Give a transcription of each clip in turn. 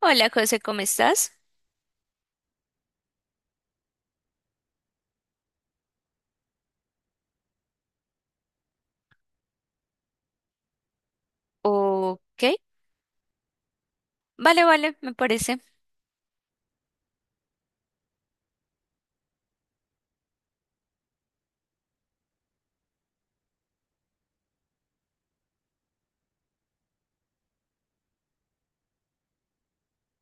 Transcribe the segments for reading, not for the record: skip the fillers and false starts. Hola, José, ¿cómo estás? Ok, vale, me parece.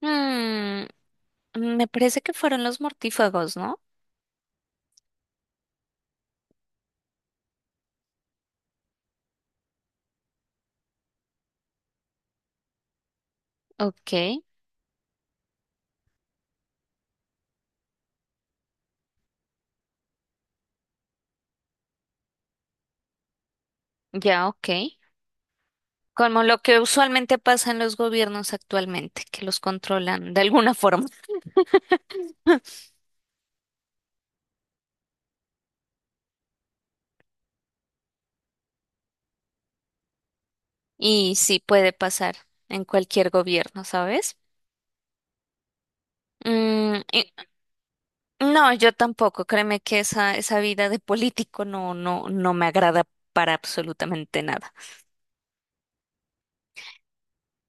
Mm, Me parece que fueron los mortífagos, ¿no? Ok, ya, ok. Como lo que usualmente pasa en los gobiernos actualmente, que los controlan de alguna forma. Y sí puede pasar en cualquier gobierno, ¿sabes? Mm, y- no, yo tampoco. Créeme que esa vida de político no me agrada para absolutamente nada.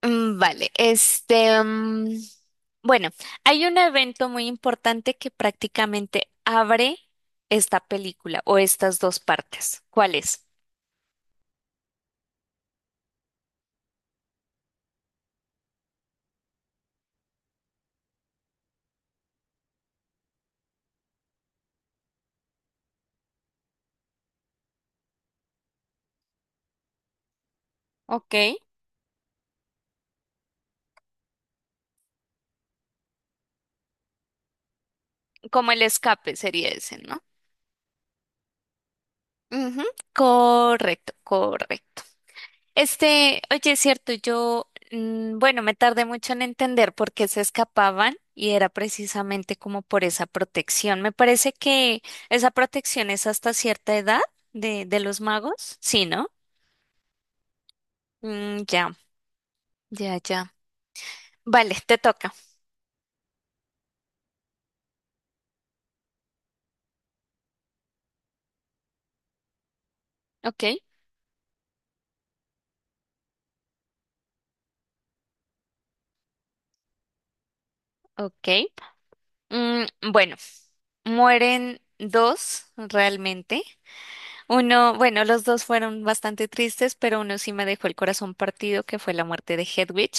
Vale, bueno, hay un evento muy importante que prácticamente abre esta película o estas dos partes. ¿Cuál es? Ok. Como el escape sería ese, ¿no? Ujú. Correcto, correcto. Este, oye, es cierto, yo, bueno, me tardé mucho en entender por qué se escapaban y era precisamente como por esa protección. Me parece que esa protección es hasta cierta edad de los magos, ¿sí, no? Ya, ya, ya. Vale, te toca. Ok, ok. Mm, bueno, mueren dos realmente. Uno, bueno, los dos fueron bastante tristes, pero uno sí me dejó el corazón partido, que fue la muerte de Hedwig.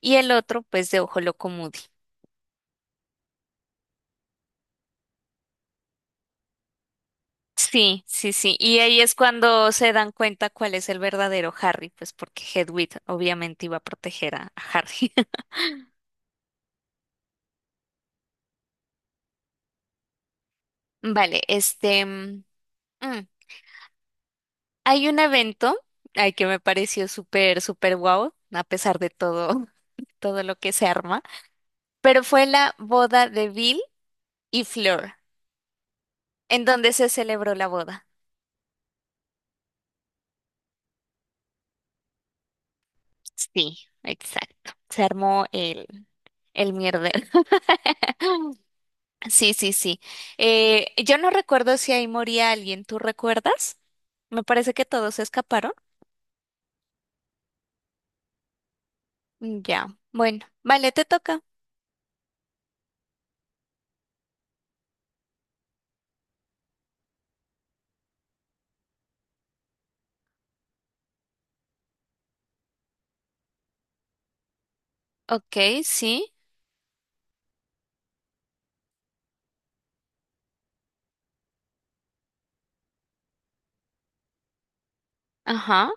Y el otro, pues, de Ojo Loco Moody. Sí, sí, sí. Y ahí es cuando se dan cuenta cuál es el verdadero Harry, pues porque Hedwig obviamente iba a proteger a Harry. Vale, mm, hay un evento, ay, que me pareció súper, súper guau, a pesar de todo, todo lo que se arma, pero fue la boda de Bill y Fleur, en donde se celebró la boda. Sí, exacto. Se armó el mierdero. Sí, sí, sí. Yo no recuerdo si ahí moría alguien, ¿tú recuerdas? Me parece que todos se escaparon. Ya, bueno, vale, te toca. Ok, sí, ajá.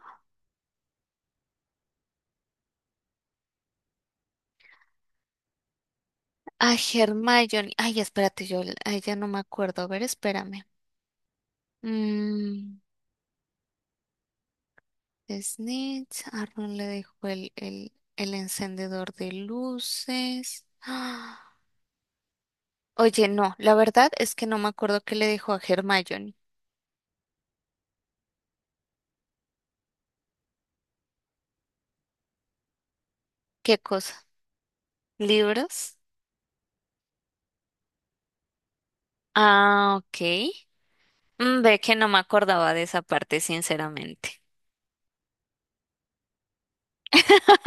A Hermione. Ay, espérate, ya no me acuerdo. A ver, espérame. Mm, Snitch. A Ron le dejó el encendedor de luces. ¡Ah! Oye, no, la verdad es que no me acuerdo qué le dejó a Hermione. ¿Qué cosa? ¿Libros? Ah, ok. Ve que no me acordaba de esa parte, sinceramente.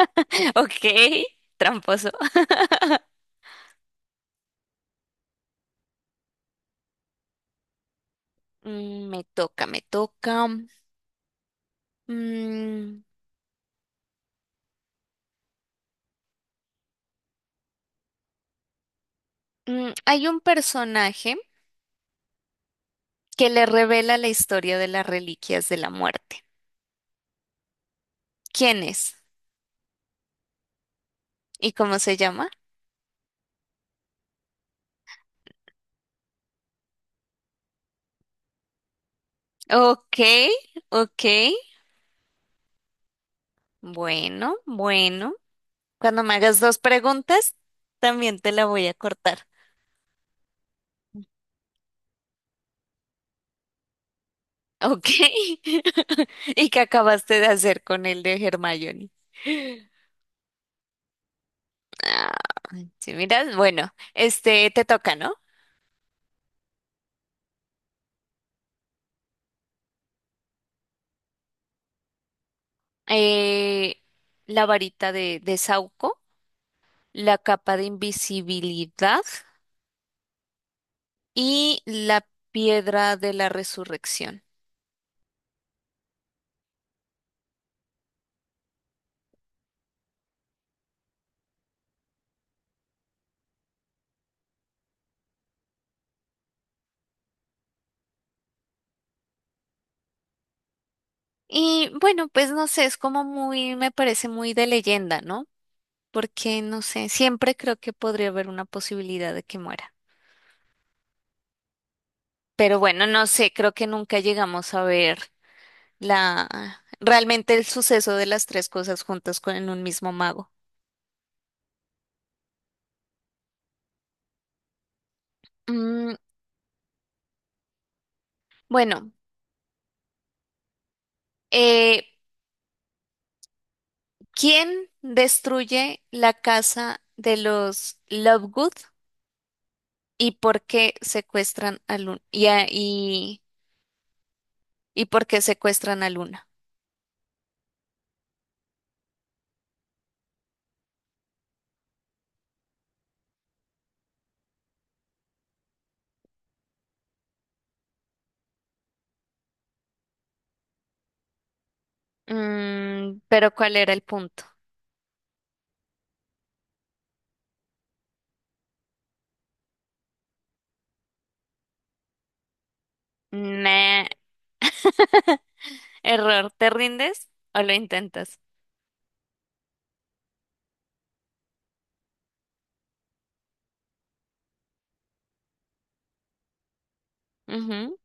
Ok, tramposo. Mm, me toca, me toca. Mm, Hay un personaje que le revela la historia de las reliquias de la muerte. ¿Quién es? ¿Y cómo se llama? Ok, ok. Bueno, bueno. Cuando me hagas dos preguntas, también te la voy a cortar. Ok. ¿Y qué acabaste de hacer con el de Hermione? Ah, sí, miras, bueno, este te toca, ¿no? Eh, la varita de Sauco, la capa de invisibilidad y la piedra de la resurrección. Y bueno, pues no sé, es como muy, me parece muy de leyenda, ¿no? Porque no sé, siempre creo que podría haber una posibilidad de que muera. Pero bueno, no sé, creo que nunca llegamos a ver la realmente el suceso de las tres cosas juntas con en un mismo mago. Mm, bueno, eh, ¿Quién destruye la casa de los Lovegood y por qué secuestran al un- y, a- y y por qué secuestran a Luna? Pero ¿cuál era el punto? Nah, error, ¿te rindes o lo intentas? Ujú.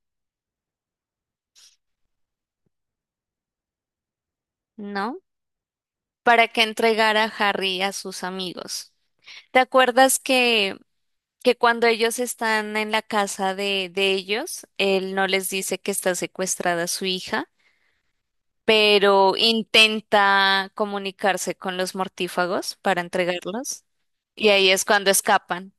¿No? Para que entregara a Harry a sus amigos. ¿Te acuerdas que cuando ellos están en la casa de ellos, él no les dice que está secuestrada su hija, pero intenta comunicarse con los mortífagos para entregarlos? Y ahí es cuando escapan.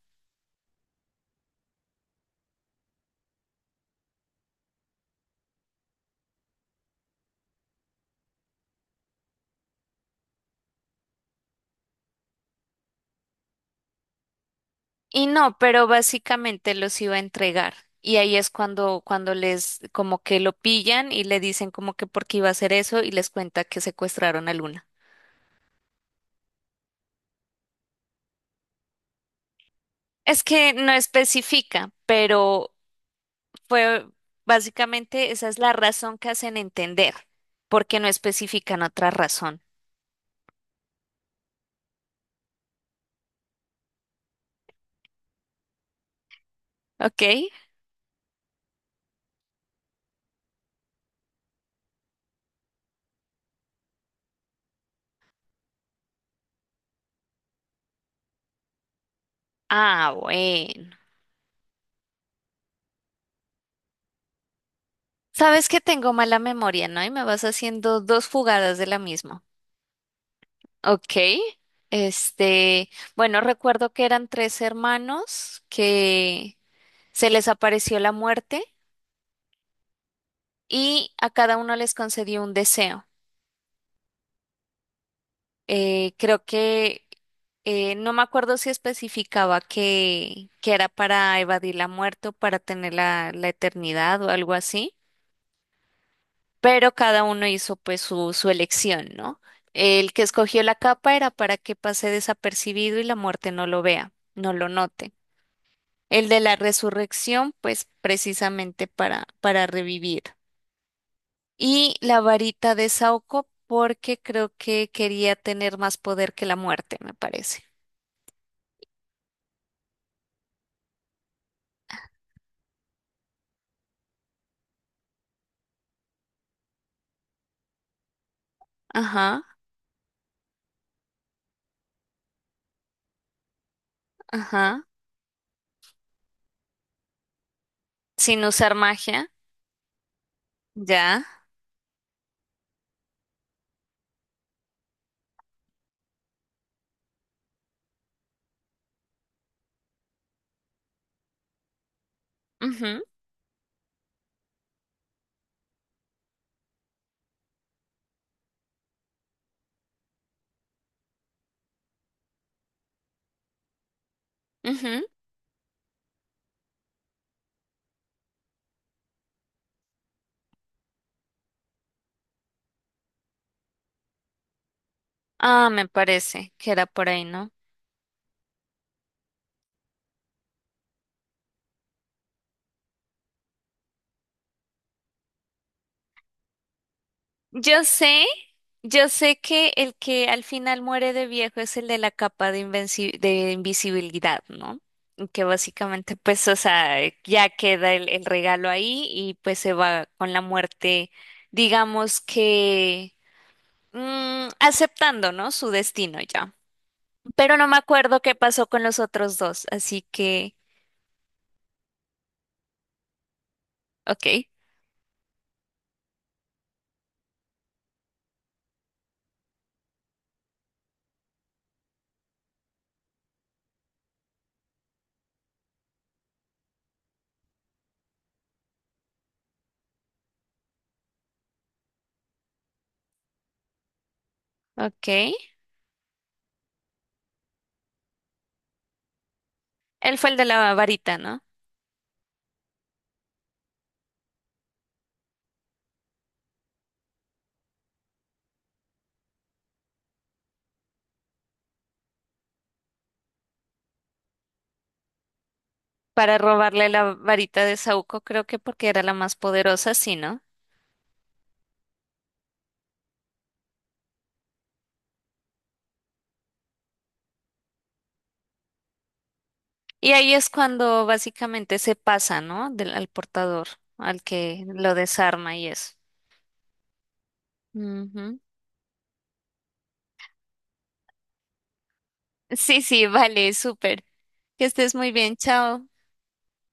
Y no, pero básicamente los iba a entregar. Y ahí es cuando, cuando les como que lo pillan y le dicen como que por qué iba a hacer eso y les cuenta que secuestraron a Luna. Es que no especifica, pero fue básicamente esa es la razón que hacen entender, porque no especifican otra razón. ¿Ok? Ah, bueno. Sabes que tengo mala memoria, ¿no? Y me vas haciendo dos fugadas de la misma. Ok, este, bueno, recuerdo que eran tres hermanos que se les apareció la muerte y a cada uno les concedió un deseo. Creo que no me acuerdo si especificaba que era para evadir la muerte o para tener la eternidad o algo así, pero cada uno hizo pues su elección, ¿no? El que escogió la capa era para que pase desapercibido y la muerte no lo vea, no lo note. El de la resurrección, pues precisamente para revivir. Y la varita de Saoko, porque creo que quería tener más poder que la muerte, me parece. Ajá, ajá. Sin usar magia, ya. Ujú, ujú. Ah, me parece que era por ahí, ¿no? Yo sé, yo sé que el que al final muere de viejo es el de la capa de de invisibilidad, ¿no? Y que básicamente, pues, o sea, ya queda el regalo ahí y pues se va con la muerte, digamos que aceptando, ¿no? Su destino ya. Pero no me acuerdo qué pasó con los otros dos, así que ok, ok. Él fue el de la varita, ¿no? Para robarle la varita de Saúco, creo que porque era la más poderosa, sí, ¿no? Y ahí es cuando básicamente se pasa, ¿no? Del, al portador, al que lo desarma y eso. Ujú. Sí, sí, vale, súper. Que estés muy bien, chao.